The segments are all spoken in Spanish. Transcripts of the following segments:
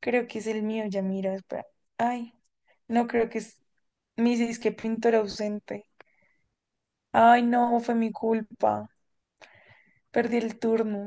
Creo que es el mío, ya mira, espera. Ay, no creo que es mi disque pintor ausente. Ay, no, fue mi culpa. Perdí el turno.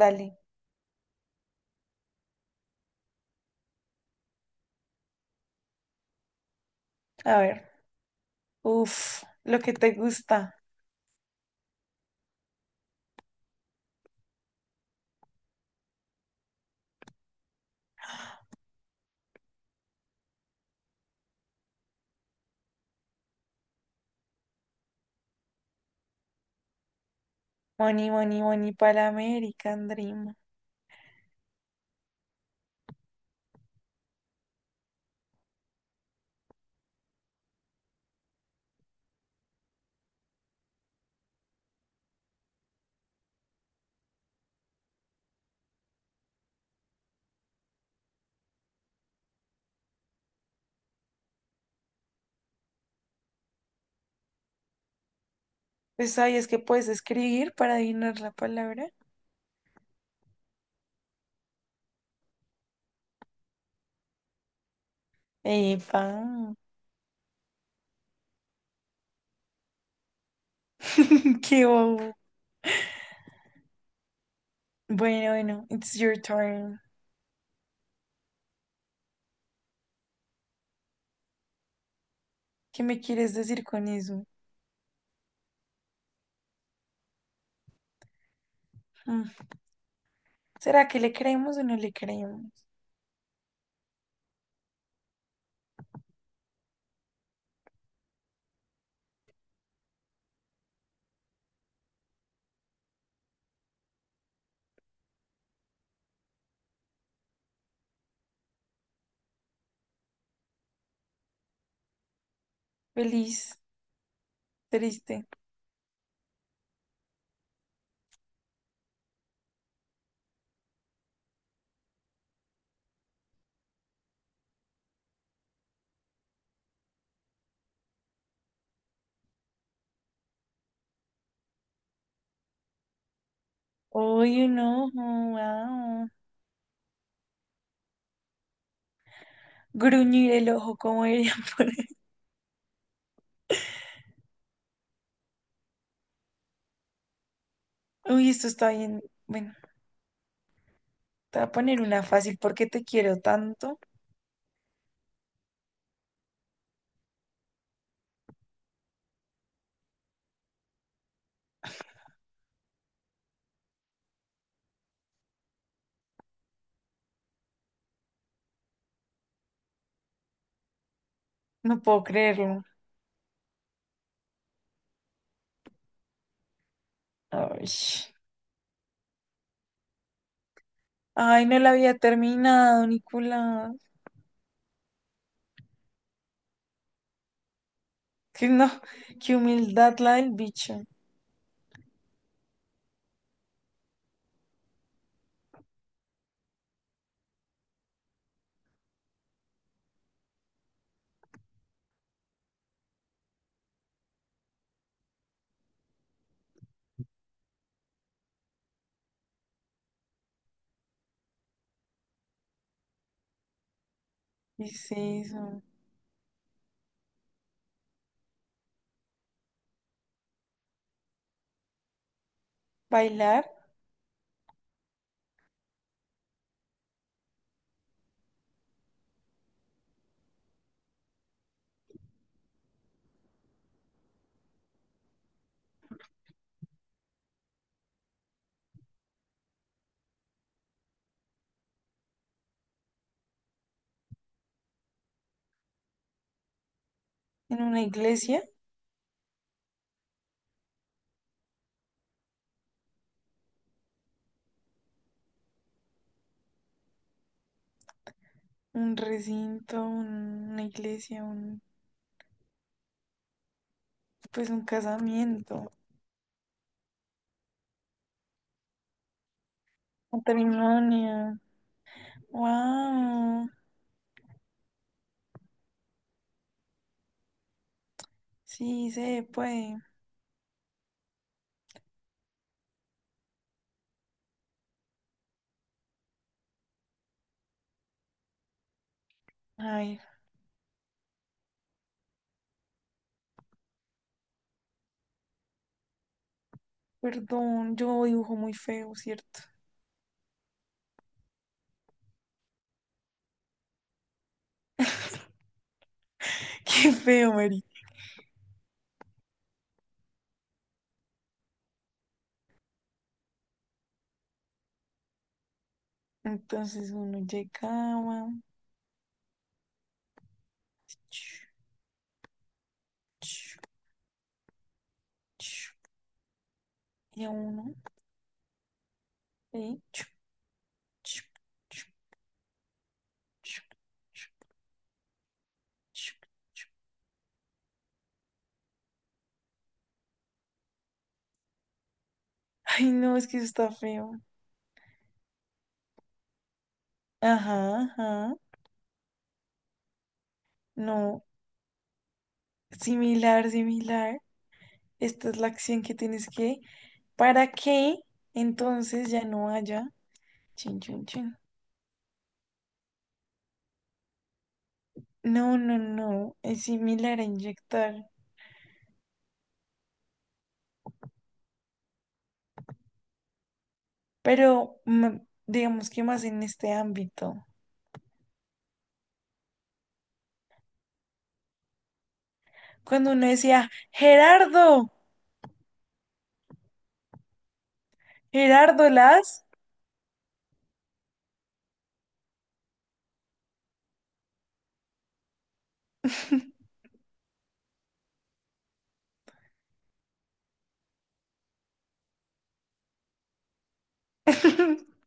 Dale, a ver. Uf, lo que te gusta. Money, money, money para American Dream. Pues sabías que puedes escribir para adivinar la palabra. Epa, qué bobo. Bueno, bueno, it's your turn. ¿Qué me quieres decir con eso? Mm, ¿Será que le creemos o no le creemos? Feliz, triste. Uy, un ojo, wow. Gruñir el ojo, como dirían por ahí. Uy, esto está bien. Bueno, te voy a poner una fácil. ¿Por qué te quiero tanto? No puedo creerlo. Ay, ay, no la había terminado, Nicolás. Que no, qué humildad la del bicho. ¿Qué es eso? ¿Bailar en una iglesia? Un recinto, una iglesia, un, pues un casamiento, matrimonio. Wow. Sí, se puede. Ay, perdón, yo dibujo muy feo, ¿cierto? Qué feo, Mary. Entonces uno llegaba. Chu, chu, chu, y a uno. Ahí, chu, chu, chu, chu, chu, chu, chu. Ay, no, es que eso está feo. Ajá, ajá. No, similar, similar. Esta es la acción que tienes que. ¿Para que entonces ya no haya? Chin, chin, chin. No, no, no. Es similar a inyectar. Pero digamos que más en este ámbito. Cuando uno decía, Gerardo, Gerardo Las,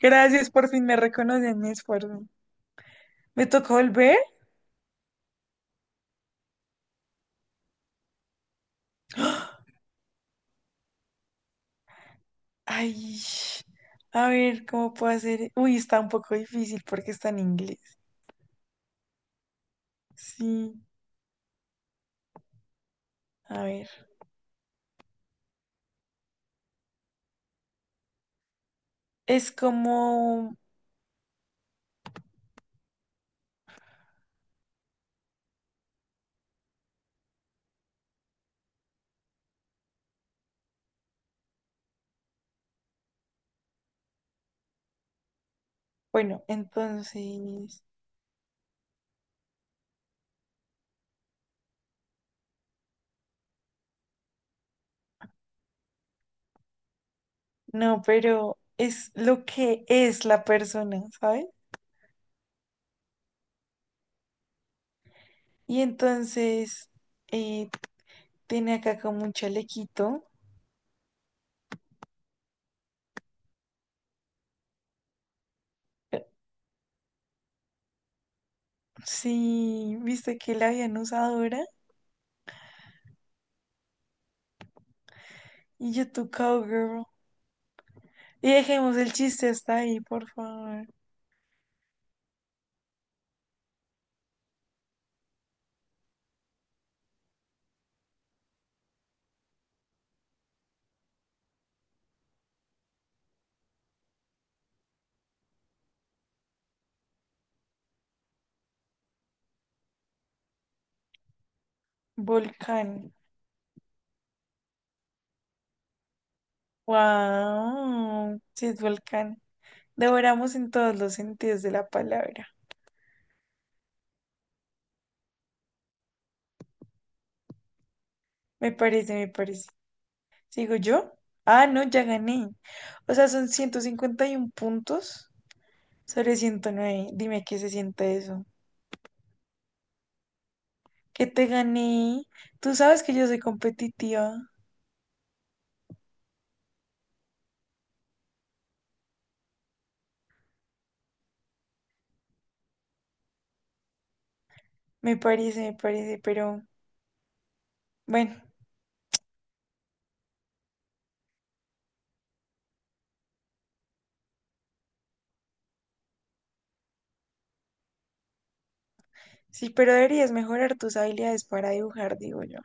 gracias, por fin me reconocen mi esfuerzo. ¿Me tocó volver? Ay, a ver, ¿cómo puedo hacer? Uy, está un poco difícil porque está en inglés. Sí, a ver. Es como, bueno, entonces, no, pero es lo que es la persona, ¿sabes? Y entonces eh, tiene acá como un chalequito. Eh, Sí, viste que la habían usado ahora. Y yo tu cowgirl. Y dejemos el chiste hasta ahí, por favor. Volcán. Wow. Sí, es volcán. Devoramos en todos los sentidos de la palabra. Me parece, me parece. ¿Sigo yo? Ah, no, ya gané. O sea, son 151 puntos sobre 109. Dime qué se siente eso. Que te gané. Tú sabes que yo soy competitiva. Me parece, pero bueno, sí, pero deberías mejorar tus habilidades para dibujar, digo yo.